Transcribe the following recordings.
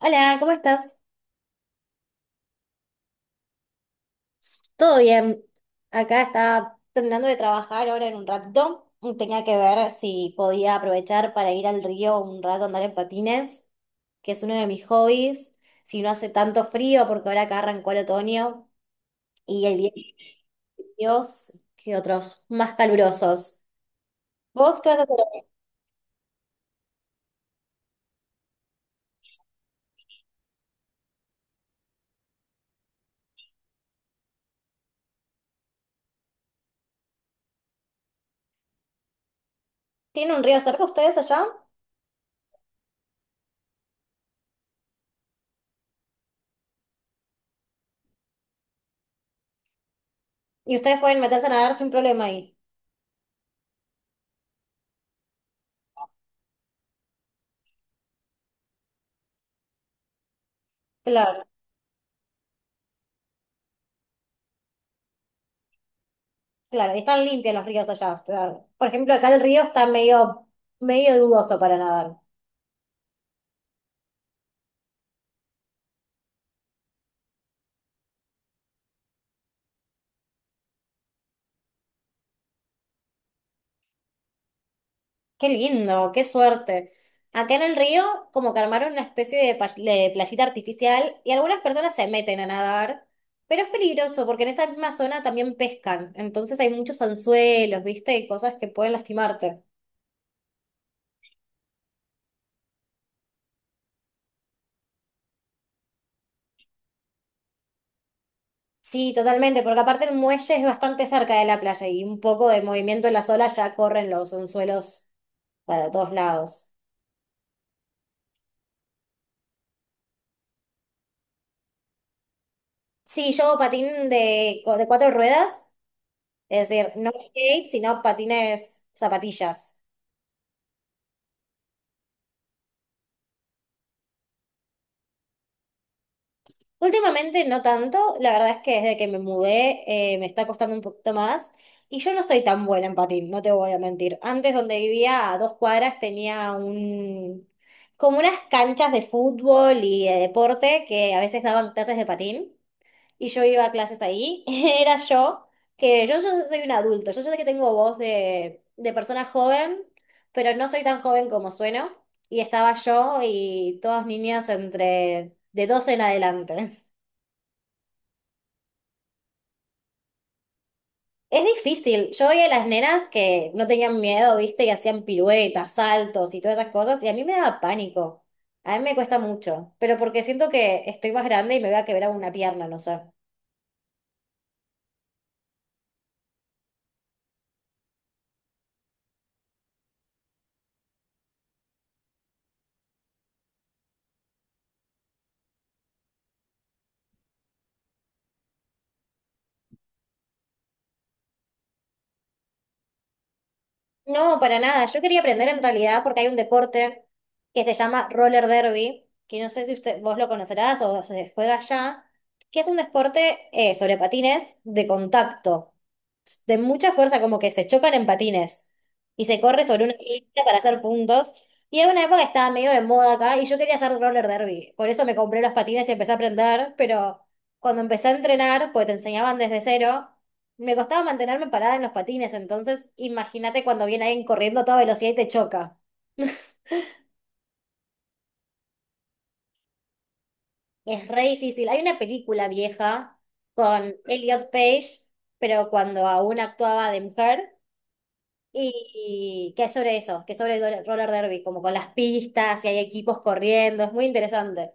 Hola, ¿cómo estás? ¿Todo bien? Acá estaba terminando de trabajar ahora en un ratito. Tenía que ver si podía aprovechar para ir al río un rato a andar en patines, que es uno de mis hobbies. Si no hace tanto frío, porque ahora acá arrancó el otoño y hay días fríos que otros más calurosos. ¿Vos qué vas a hacer hoy? ¿Tienen un río cerca ustedes allá? Y ustedes pueden meterse a nadar sin problema ahí. Claro. Claro, y están limpios los ríos allá, o sea, por ejemplo, acá el río está medio dudoso para nadar. Qué lindo, qué suerte. Acá en el río, como que armaron una especie de, de playita artificial y algunas personas se meten a nadar, pero es peligroso porque en esa misma zona también pescan. Entonces hay muchos anzuelos, ¿viste? Y cosas que pueden lastimarte. Sí, totalmente, porque aparte el muelle es bastante cerca de la playa y un poco de movimiento en las olas ya corren los anzuelos para todos lados. Sí, yo hago patín de cuatro ruedas, es decir, no skate, sino patines, zapatillas. Últimamente no tanto, la verdad es que desde que me mudé me está costando un poquito más y yo no soy tan buena en patín, no te voy a mentir. Antes donde vivía a 2 cuadras tenía como unas canchas de fútbol y de deporte que a veces daban clases de patín. Y yo iba a clases ahí, era yo, ya soy un adulto, yo sé que tengo voz de persona joven, pero no soy tan joven como sueno, y estaba yo y todas niñas entre de 12 en adelante. Es difícil, yo veía a las nenas que no tenían miedo, viste, y hacían piruetas, saltos y todas esas cosas, y a mí me daba pánico. A mí me cuesta mucho, pero porque siento que estoy más grande y me voy a quebrar una pierna, no sé. No, para nada. Yo quería aprender en realidad porque hay un deporte que se llama roller derby, que no sé si usted, vos lo conocerás o se juega allá, que es un deporte sobre patines de contacto de mucha fuerza, como que se chocan en patines y se corre sobre una pista para hacer puntos. Y en una época estaba medio de moda acá y yo quería hacer roller derby. Por eso me compré los patines y empecé a aprender, pero cuando empecé a entrenar, pues te enseñaban desde cero, me costaba mantenerme parada en los patines. Entonces, imagínate cuando viene alguien corriendo a toda velocidad y te choca. Es re difícil. Hay una película vieja con Elliot Page, pero cuando aún actuaba de mujer. Y que es sobre eso, que es sobre el roller derby, como con las pistas y hay equipos corriendo, es muy interesante.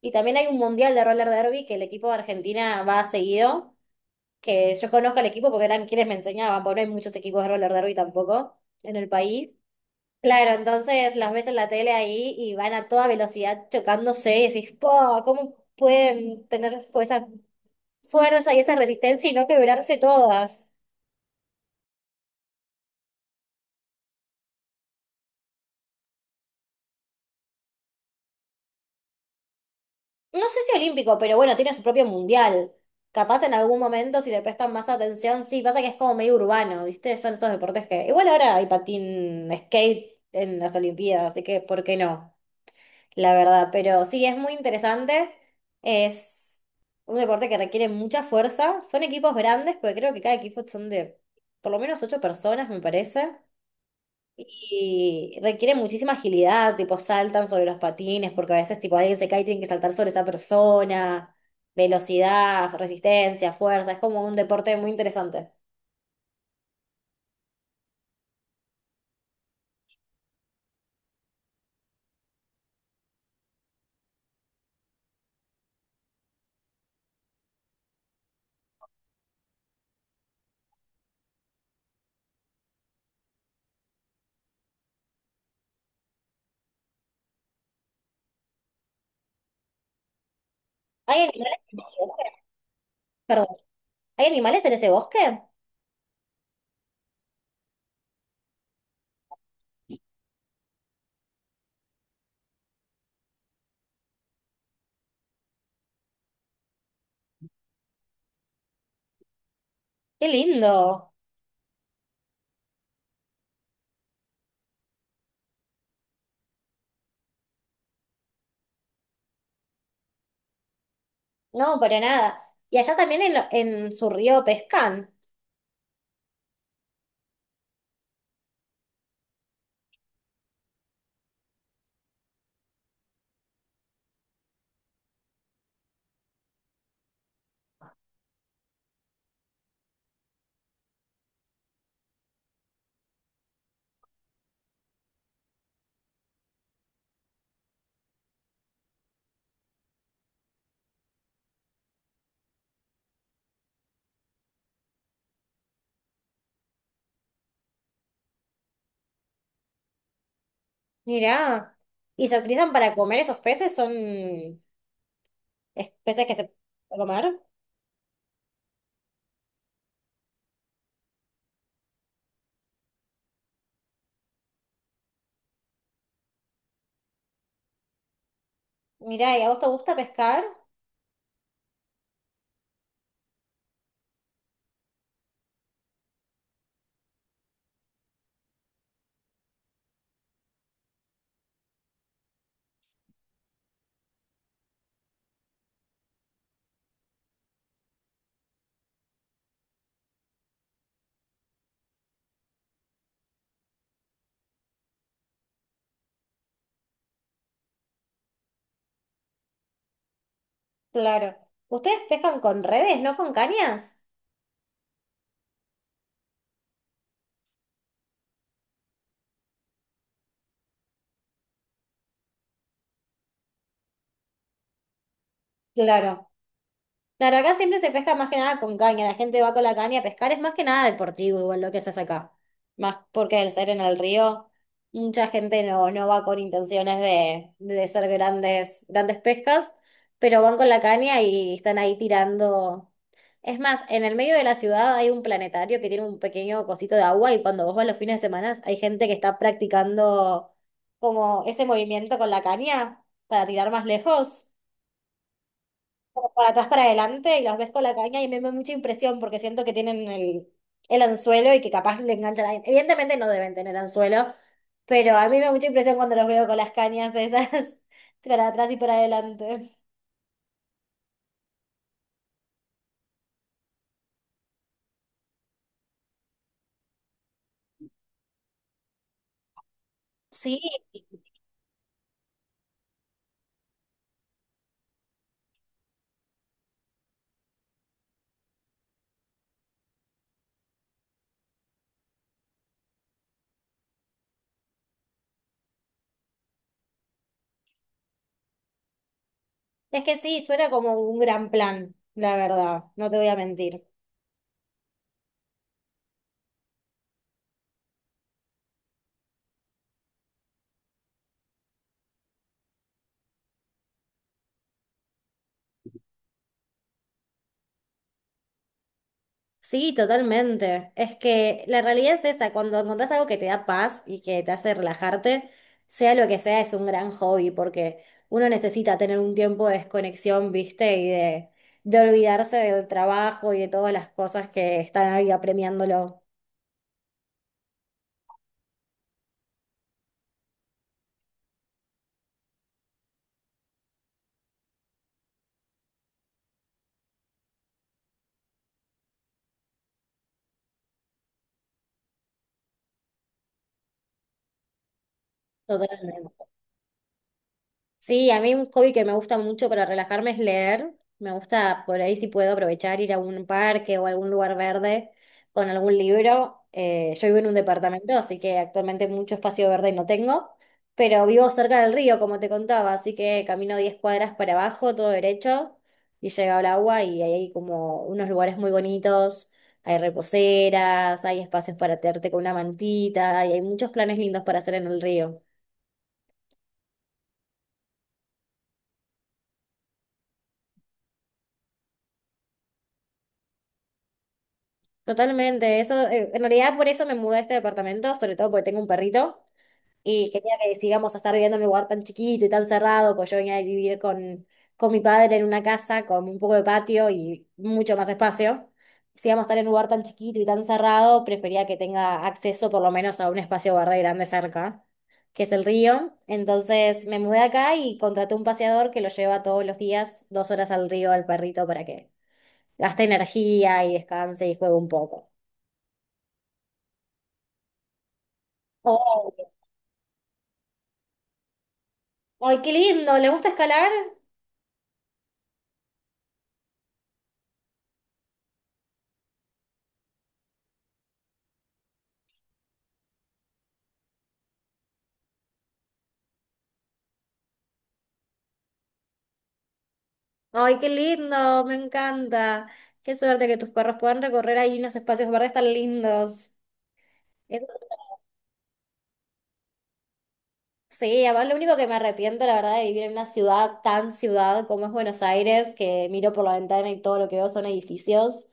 Y también hay un mundial de roller derby que el equipo de Argentina va seguido, que yo conozco al equipo porque eran quienes me enseñaban, porque no hay muchos equipos de roller derby tampoco en el país. Claro, entonces las ves en la tele ahí y van a toda velocidad chocándose y decís, po, ¿cómo pueden tener esa fuerza y esa resistencia y no quebrarse todas? No sé si olímpico, pero bueno, tiene su propio mundial. Capaz en algún momento, si le prestan más atención, sí, pasa que es como medio urbano, ¿viste? Son estos deportes que. Igual ahora hay patín skate en las Olimpiadas, así que ¿por qué no? La verdad, pero sí, es muy interesante. Es un deporte que requiere mucha fuerza. Son equipos grandes, porque creo que cada equipo son de por lo menos ocho personas, me parece. Y requiere muchísima agilidad, tipo saltan sobre los patines, porque a veces tipo alguien se cae y tienen que saltar sobre esa persona, velocidad, resistencia, fuerza, es como un deporte muy interesante. ¿Hay animales en ese bosque? Perdón, ¿hay animales en ese bosque? ¡Qué lindo! No, para nada. Y allá también en su río pescan, mirá. Y se utilizan para comer esos peces, son peces que se pueden comer. Mirá, ¿y a vos te gusta pescar? Claro. ¿Ustedes pescan con redes, no con cañas? Claro. Claro, acá siempre se pesca más que nada con caña. La gente va con la caña a pescar. Es más que nada deportivo, igual lo que se hace acá. Más porque al ser en el río, mucha gente no, no va con intenciones de ser grandes, grandes pescas, pero van con la caña y están ahí tirando. Es más, en el medio de la ciudad hay un planetario que tiene un pequeño cosito de agua y cuando vos vas los fines de semana hay gente que está practicando como ese movimiento con la caña para tirar más lejos, como para atrás, para adelante y los ves con la caña y me da mucha impresión porque siento que tienen el anzuelo y que capaz le enganchan a Evidentemente no deben tener anzuelo, pero a mí me da mucha impresión cuando los veo con las cañas esas para atrás y para adelante. Sí, es que sí, suena como un gran plan, la verdad, no te voy a mentir. Sí, totalmente. Es que la realidad es esa, cuando encontrás algo que te da paz y que te hace relajarte, sea lo que sea, es un gran hobby, porque uno necesita tener un tiempo de desconexión, ¿viste? Y de olvidarse del trabajo y de todas las cosas que están ahí apremiándolo. Totalmente. Sí, a mí un hobby que me gusta mucho para relajarme es leer. Me gusta por ahí si puedo aprovechar ir a un parque o a algún lugar verde con algún libro. Yo vivo en un departamento, así que actualmente mucho espacio verde no tengo, pero vivo cerca del río, como te contaba, así que camino 10 cuadras para abajo, todo derecho, y llego al agua y ahí hay como unos lugares muy bonitos, hay reposeras, hay espacios para tirarte con una mantita y hay muchos planes lindos para hacer en el río. Totalmente, eso, en realidad por eso me mudé a este departamento, sobre todo porque tengo un perrito y quería que sigamos a estar viviendo en un lugar tan chiquito y tan cerrado, pues yo venía de vivir con mi padre en una casa con un poco de patio y mucho más espacio. Si íbamos a estar en un lugar tan chiquito y tan cerrado, prefería que tenga acceso por lo menos a un espacio verde grande cerca, que es el río. Entonces me mudé acá y contraté un paseador que lo lleva todos los días 2 horas al río al perrito para que gaste energía y descanse y juegue un poco. Oh, ¡ay, qué lindo! ¿Le gusta escalar? ¡Ay, qué lindo! Me encanta. Qué suerte que tus perros puedan recorrer ahí unos espacios verdes tan lindos. Sí, además lo único que me arrepiento, la verdad, de vivir en una ciudad tan ciudad como es Buenos Aires, que miro por la ventana y todo lo que veo son edificios,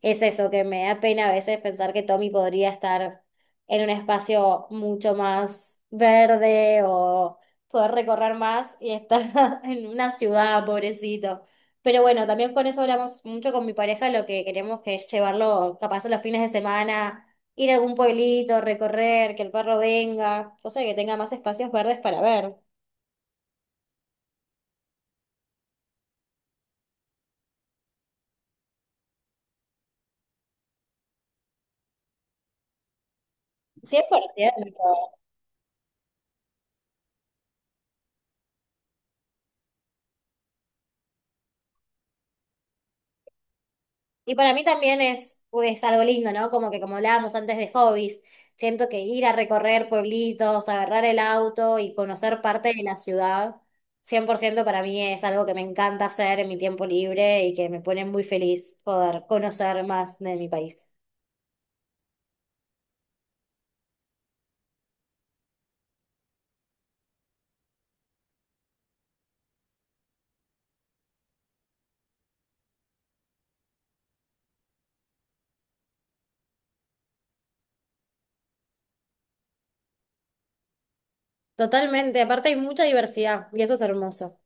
es eso, que me da pena a veces pensar que Tommy podría estar en un espacio mucho más verde o poder recorrer más y estar en una ciudad, pobrecito. Pero bueno, también con eso hablamos mucho con mi pareja, lo que queremos que es llevarlo capaz a los fines de semana ir a algún pueblito, recorrer, que el perro venga, cosa que tenga más espacios verdes para ver. 100%. Y para mí también es algo lindo, ¿no? Como que como hablábamos antes de hobbies, siento que ir a recorrer pueblitos, agarrar el auto y conocer parte de la ciudad, 100% para mí es algo que me encanta hacer en mi tiempo libre y que me pone muy feliz poder conocer más de mi país. Totalmente, aparte hay mucha diversidad y eso es hermoso.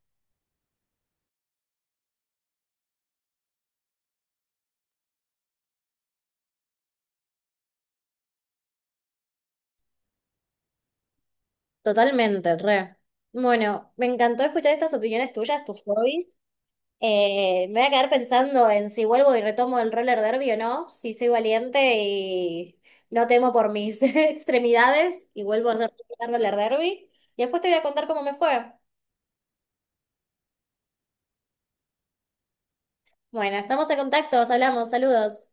Totalmente, re. Bueno, me encantó escuchar estas opiniones tuyas, tus hobbies. Me voy a quedar pensando en si vuelvo y retomo el roller derby o no, si soy valiente y no temo por mis extremidades y vuelvo a hacer roller derby. Y después te voy a contar cómo me fue. Bueno, estamos en contacto, os hablamos, saludos.